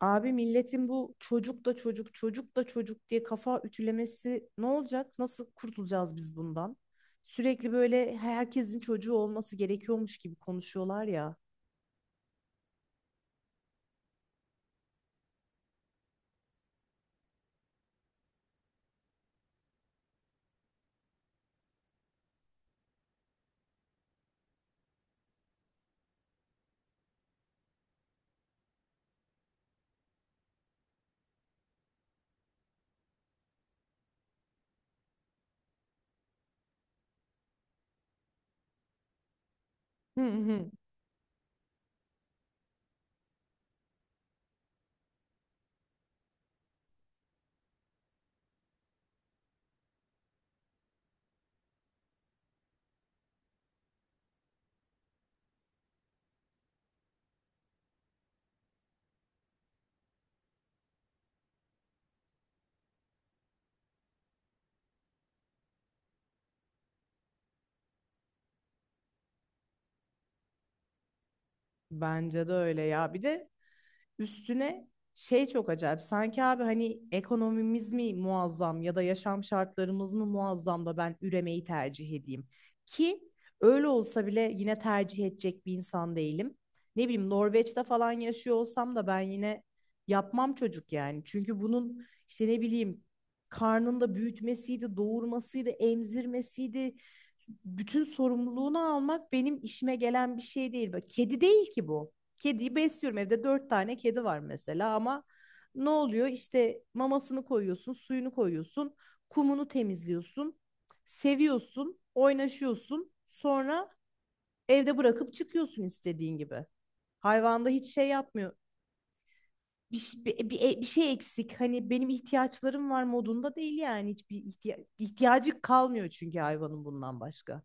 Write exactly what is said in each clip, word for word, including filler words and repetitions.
Abi milletin bu çocuk da çocuk, çocuk da çocuk diye kafa ütülemesi ne olacak? Nasıl kurtulacağız biz bundan? Sürekli böyle herkesin çocuğu olması gerekiyormuş gibi konuşuyorlar ya. Hı hı. Bence de öyle ya. Bir de üstüne şey çok acayip. Sanki abi hani ekonomimiz mi muazzam ya da yaşam şartlarımız mı muazzam da ben üremeyi tercih edeyim. Ki öyle olsa bile yine tercih edecek bir insan değilim. Ne bileyim Norveç'te falan yaşıyor olsam da ben yine yapmam çocuk yani. Çünkü bunun işte ne bileyim karnında büyütmesiydi, doğurmasıydı, emzirmesiydi. Bütün sorumluluğunu almak benim işime gelen bir şey değil. Bak, kedi değil ki bu. Kediyi besliyorum, evde dört tane kedi var mesela, ama ne oluyor, işte mamasını koyuyorsun, suyunu koyuyorsun, kumunu temizliyorsun, seviyorsun, oynaşıyorsun, sonra evde bırakıp çıkıyorsun istediğin gibi. Hayvanda hiç şey yapmıyor, bir, ş- bir, bir, e, bir şey eksik hani benim ihtiyaçlarım var modunda değil yani hiçbir ihtiya- ihtiyacı kalmıyor çünkü hayvanın, bundan başka.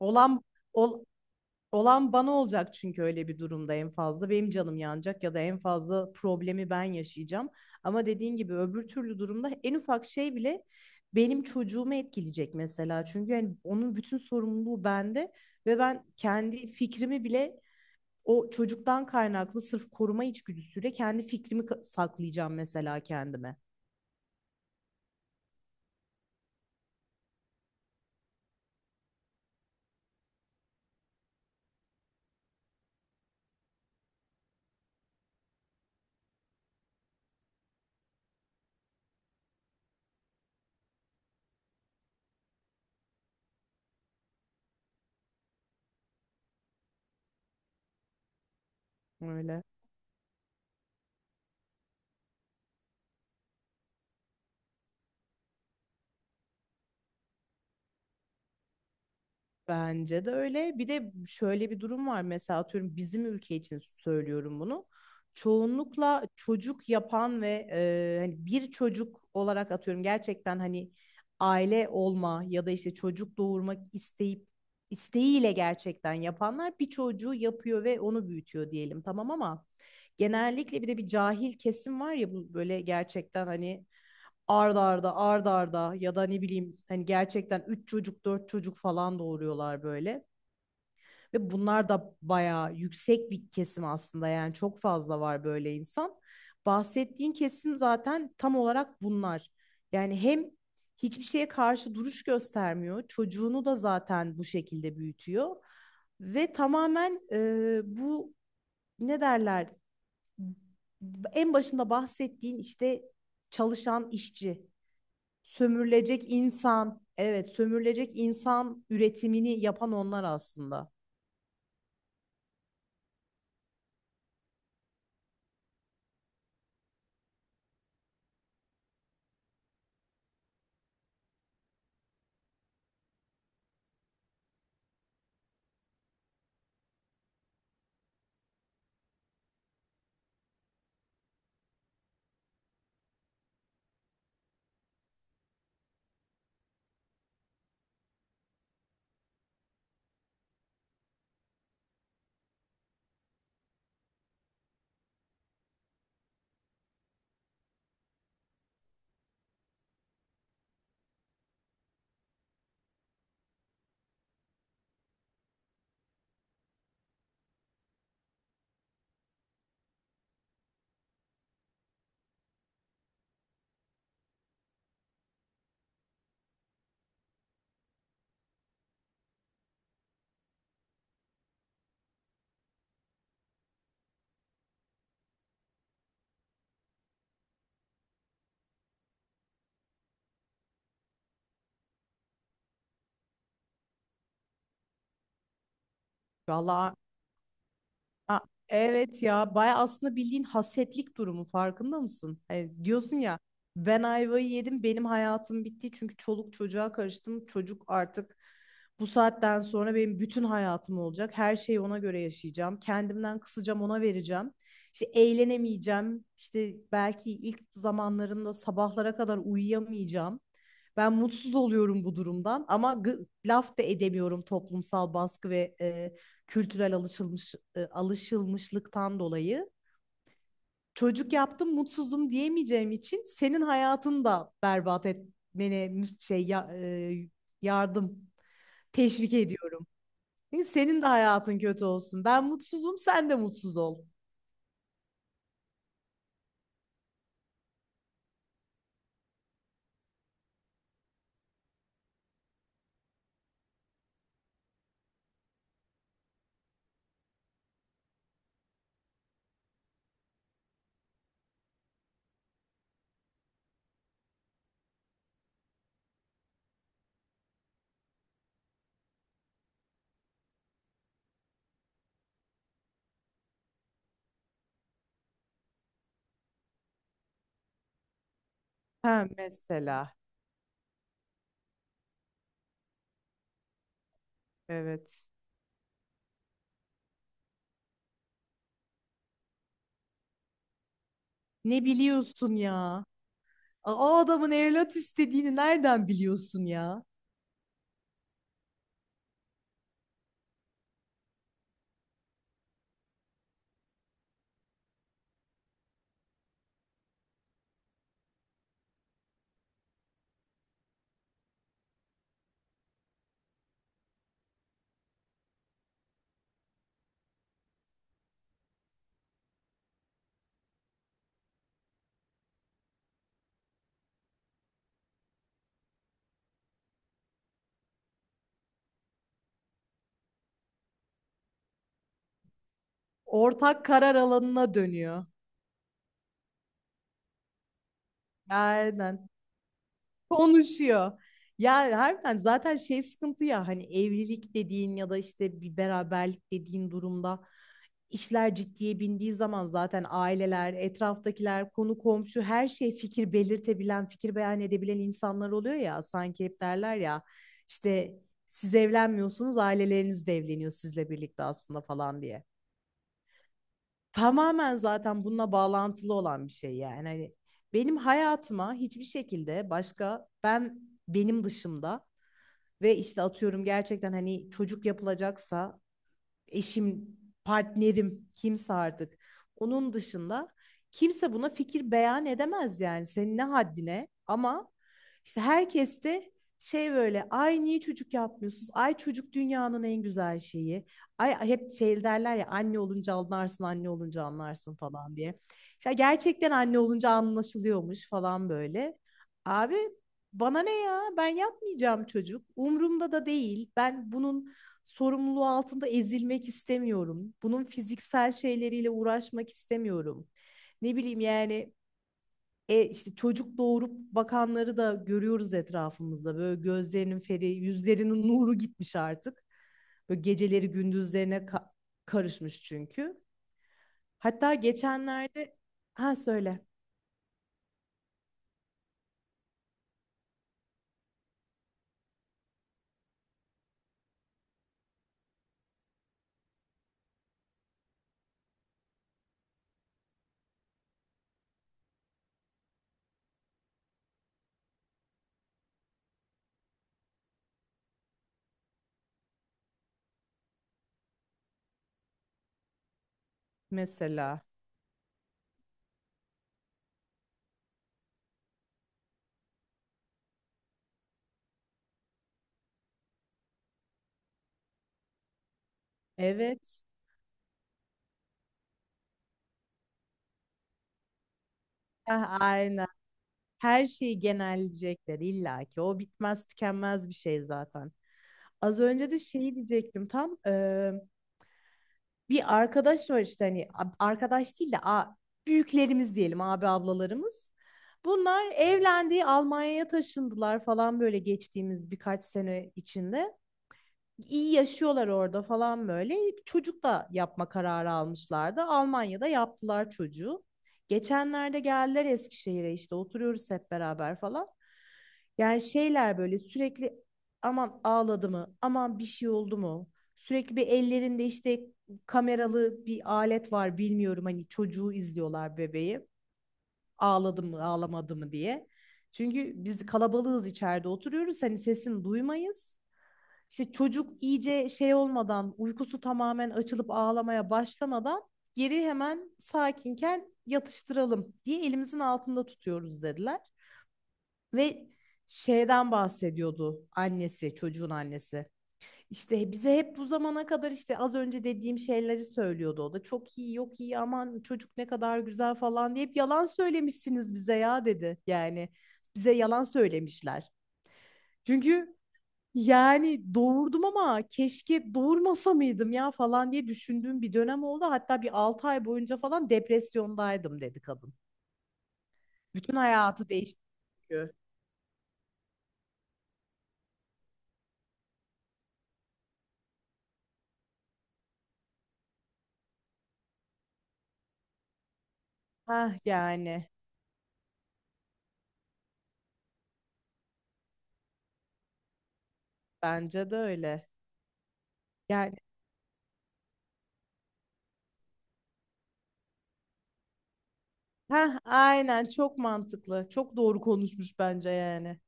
Olan ol, Olan bana olacak çünkü öyle bir durumda en fazla benim canım yanacak ya da en fazla problemi ben yaşayacağım. Ama dediğin gibi öbür türlü durumda en ufak şey bile benim çocuğumu etkileyecek mesela. Çünkü yani onun bütün sorumluluğu bende ve ben kendi fikrimi bile, o çocuktan kaynaklı sırf koruma içgüdüsüyle, kendi fikrimi ka- saklayacağım mesela kendime. Öyle. Bence de öyle. Bir de şöyle bir durum var. Mesela atıyorum, bizim ülke için söylüyorum bunu. Çoğunlukla çocuk yapan ve e, hani bir çocuk olarak, atıyorum gerçekten hani aile olma ya da işte çocuk doğurmak isteyip, isteğiyle gerçekten yapanlar bir çocuğu yapıyor ve onu büyütüyor diyelim, tamam, ama genellikle bir de bir cahil kesim var ya, bu böyle gerçekten hani arda arda arda arda ya da ne bileyim hani gerçekten üç çocuk dört çocuk falan doğuruyorlar böyle. Ve bunlar da bayağı yüksek bir kesim aslında, yani çok fazla var böyle insan. Bahsettiğin kesim zaten tam olarak bunlar. Yani hem hiçbir şeye karşı duruş göstermiyor. Çocuğunu da zaten bu şekilde büyütüyor. Ve tamamen e, bu, ne derler, en başında bahsettiğin işte çalışan işçi. Sömürülecek insan, evet, sömürülecek insan üretimini yapan onlar aslında. Vallahi. Aa, evet ya, baya aslında bildiğin hasetlik durumu, farkında mısın? Hani diyorsun ya, ben ayvayı yedim, benim hayatım bitti çünkü çoluk çocuğa karıştım. Çocuk artık bu saatten sonra benim bütün hayatım olacak. Her şeyi ona göre yaşayacağım. Kendimden kısacağım, ona vereceğim. İşte eğlenemeyeceğim. İşte belki ilk zamanlarında sabahlara kadar uyuyamayacağım. Ben mutsuz oluyorum bu durumdan ama gı- laf da edemiyorum toplumsal baskı ve e, kültürel alışılmış e, alışılmışlıktan dolayı çocuk yaptım mutsuzum diyemeyeceğim için senin hayatını da berbat etmene şey e, yardım, teşvik ediyorum. Çünkü senin de hayatın kötü olsun. Ben mutsuzum, sen de mutsuz ol. Ha, mesela. Evet. Ne biliyorsun ya? O adamın evlat istediğini nereden biliyorsun ya? Ortak karar alanına dönüyor. Aynen. Konuşuyor. Ya harbiden zaten şey sıkıntı ya, hani evlilik dediğin ya da işte bir beraberlik dediğin durumda, işler ciddiye bindiği zaman zaten aileler, etraftakiler, konu komşu, her şey, fikir belirtebilen, fikir beyan edebilen insanlar oluyor ya, sanki. Hep derler ya işte, siz evlenmiyorsunuz, aileleriniz de evleniyor sizle birlikte aslında falan diye. Tamamen zaten bununla bağlantılı olan bir şey yani. Hani benim hayatıma hiçbir şekilde başka, ben benim dışımda, ve işte atıyorum gerçekten hani çocuk yapılacaksa, eşim, partnerim, kimse artık. Onun dışında kimse buna fikir beyan edemez, yani senin ne haddine, ama işte herkes de şey böyle, ay niye çocuk yapmıyorsunuz? Ay çocuk dünyanın en güzel şeyi. Ay, hep şey derler ya, anne olunca anlarsın, anne olunca anlarsın falan diye. İşte gerçekten anne olunca anlaşılıyormuş falan böyle. Abi bana ne ya? Ben yapmayacağım çocuk. Umurumda da değil. Ben bunun sorumluluğu altında ezilmek istemiyorum. Bunun fiziksel şeyleriyle uğraşmak istemiyorum. Ne bileyim yani, e, işte çocuk doğurup bakanları da görüyoruz etrafımızda. Böyle gözlerinin feri, yüzlerinin nuru gitmiş artık. Böyle geceleri gündüzlerine ka- karışmış çünkü. Hatta geçenlerde, ha, söyle mesela. Evet. Ha, aynen. Her şeyi genelleyecekler illa ki. O bitmez tükenmez bir şey zaten. Az önce de şeyi diyecektim tam. Eee, bir arkadaş var işte, hani a- arkadaş değil de a, büyüklerimiz diyelim, abi ablalarımız. Bunlar evlendi, Almanya'ya taşındılar falan, böyle geçtiğimiz birkaç sene içinde iyi yaşıyorlar orada falan böyle. Çocuk da yapma kararı almışlardı. Almanya'da yaptılar çocuğu. Geçenlerde geldiler Eskişehir'e, işte oturuyoruz hep beraber falan. Yani şeyler, böyle sürekli, aman ağladı mı, aman bir şey oldu mu? Sürekli bir ellerinde işte kameralı bir alet var, bilmiyorum, hani çocuğu izliyorlar, bebeği. Ağladı mı, ağlamadı mı diye. Çünkü biz kalabalığız, içeride oturuyoruz, hani sesini duymayız. İşte çocuk iyice şey olmadan, uykusu tamamen açılıp ağlamaya başlamadan geri, hemen sakinken yatıştıralım diye elimizin altında tutuyoruz dediler. Ve şeyden bahsediyordu annesi, çocuğun annesi. İşte bize hep bu zamana kadar, işte az önce dediğim şeyleri söylüyordu o da. Çok iyi, yok iyi, aman çocuk ne kadar güzel falan diye hep yalan söylemişsiniz bize ya, dedi. Yani bize yalan söylemişler. Çünkü yani doğurdum ama keşke doğurmasa mıydım ya falan diye düşündüğüm bir dönem oldu. Hatta bir altı ay boyunca falan depresyondaydım, dedi kadın. Bütün hayatı değişti çünkü. Heh yani bence de öyle. Yani heh, aynen, çok mantıklı. Çok doğru konuşmuş bence yani.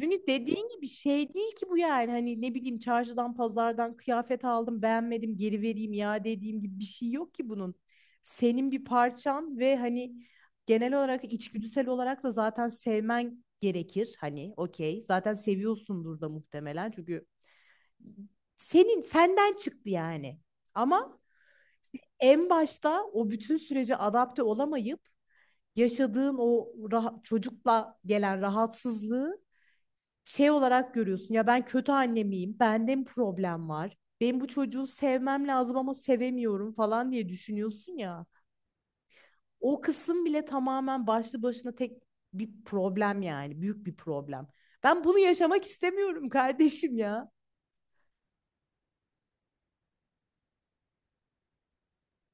Çünkü dediğin gibi şey değil ki bu, yani hani ne bileyim, çarşıdan pazardan kıyafet aldım, beğenmedim, geri vereyim ya dediğim gibi bir şey yok ki bunun. Senin bir parçan, ve hani genel olarak içgüdüsel olarak da zaten sevmen gerekir, hani okey zaten seviyorsundur da muhtemelen, çünkü senin, senden çıktı yani. Ama en başta o bütün sürece adapte olamayıp yaşadığın o rah- çocukla gelen rahatsızlığı şey olarak görüyorsun. Ya ben kötü anne miyim? Bende mi problem var? Benim bu çocuğu sevmem lazım ama sevemiyorum falan diye düşünüyorsun ya. O kısım bile tamamen başlı başına tek bir problem yani. Büyük bir problem. Ben bunu yaşamak istemiyorum kardeşim ya.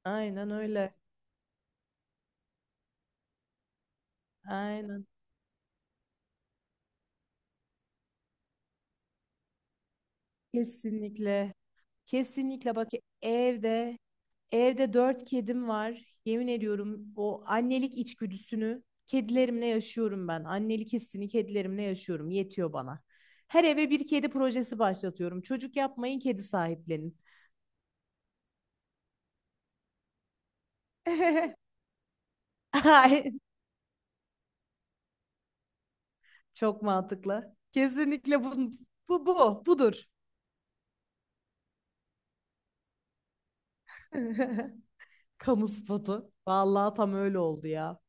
Aynen öyle. Aynen. Kesinlikle. Kesinlikle bak, evde evde dört kedim var. Yemin ediyorum, o annelik içgüdüsünü kedilerimle yaşıyorum ben. Annelik hissini kedilerimle yaşıyorum. Yetiyor bana. Her eve bir kedi projesi başlatıyorum. Çocuk yapmayın, kedi sahiplenin. Ay, çok mantıklı. Kesinlikle bu bu bu budur. Kamu spotu. Vallahi tam öyle oldu ya.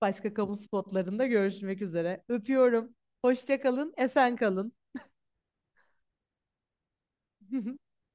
Başka kamu spotlarında görüşmek üzere. Öpüyorum. Hoşça kalın, esen kalın.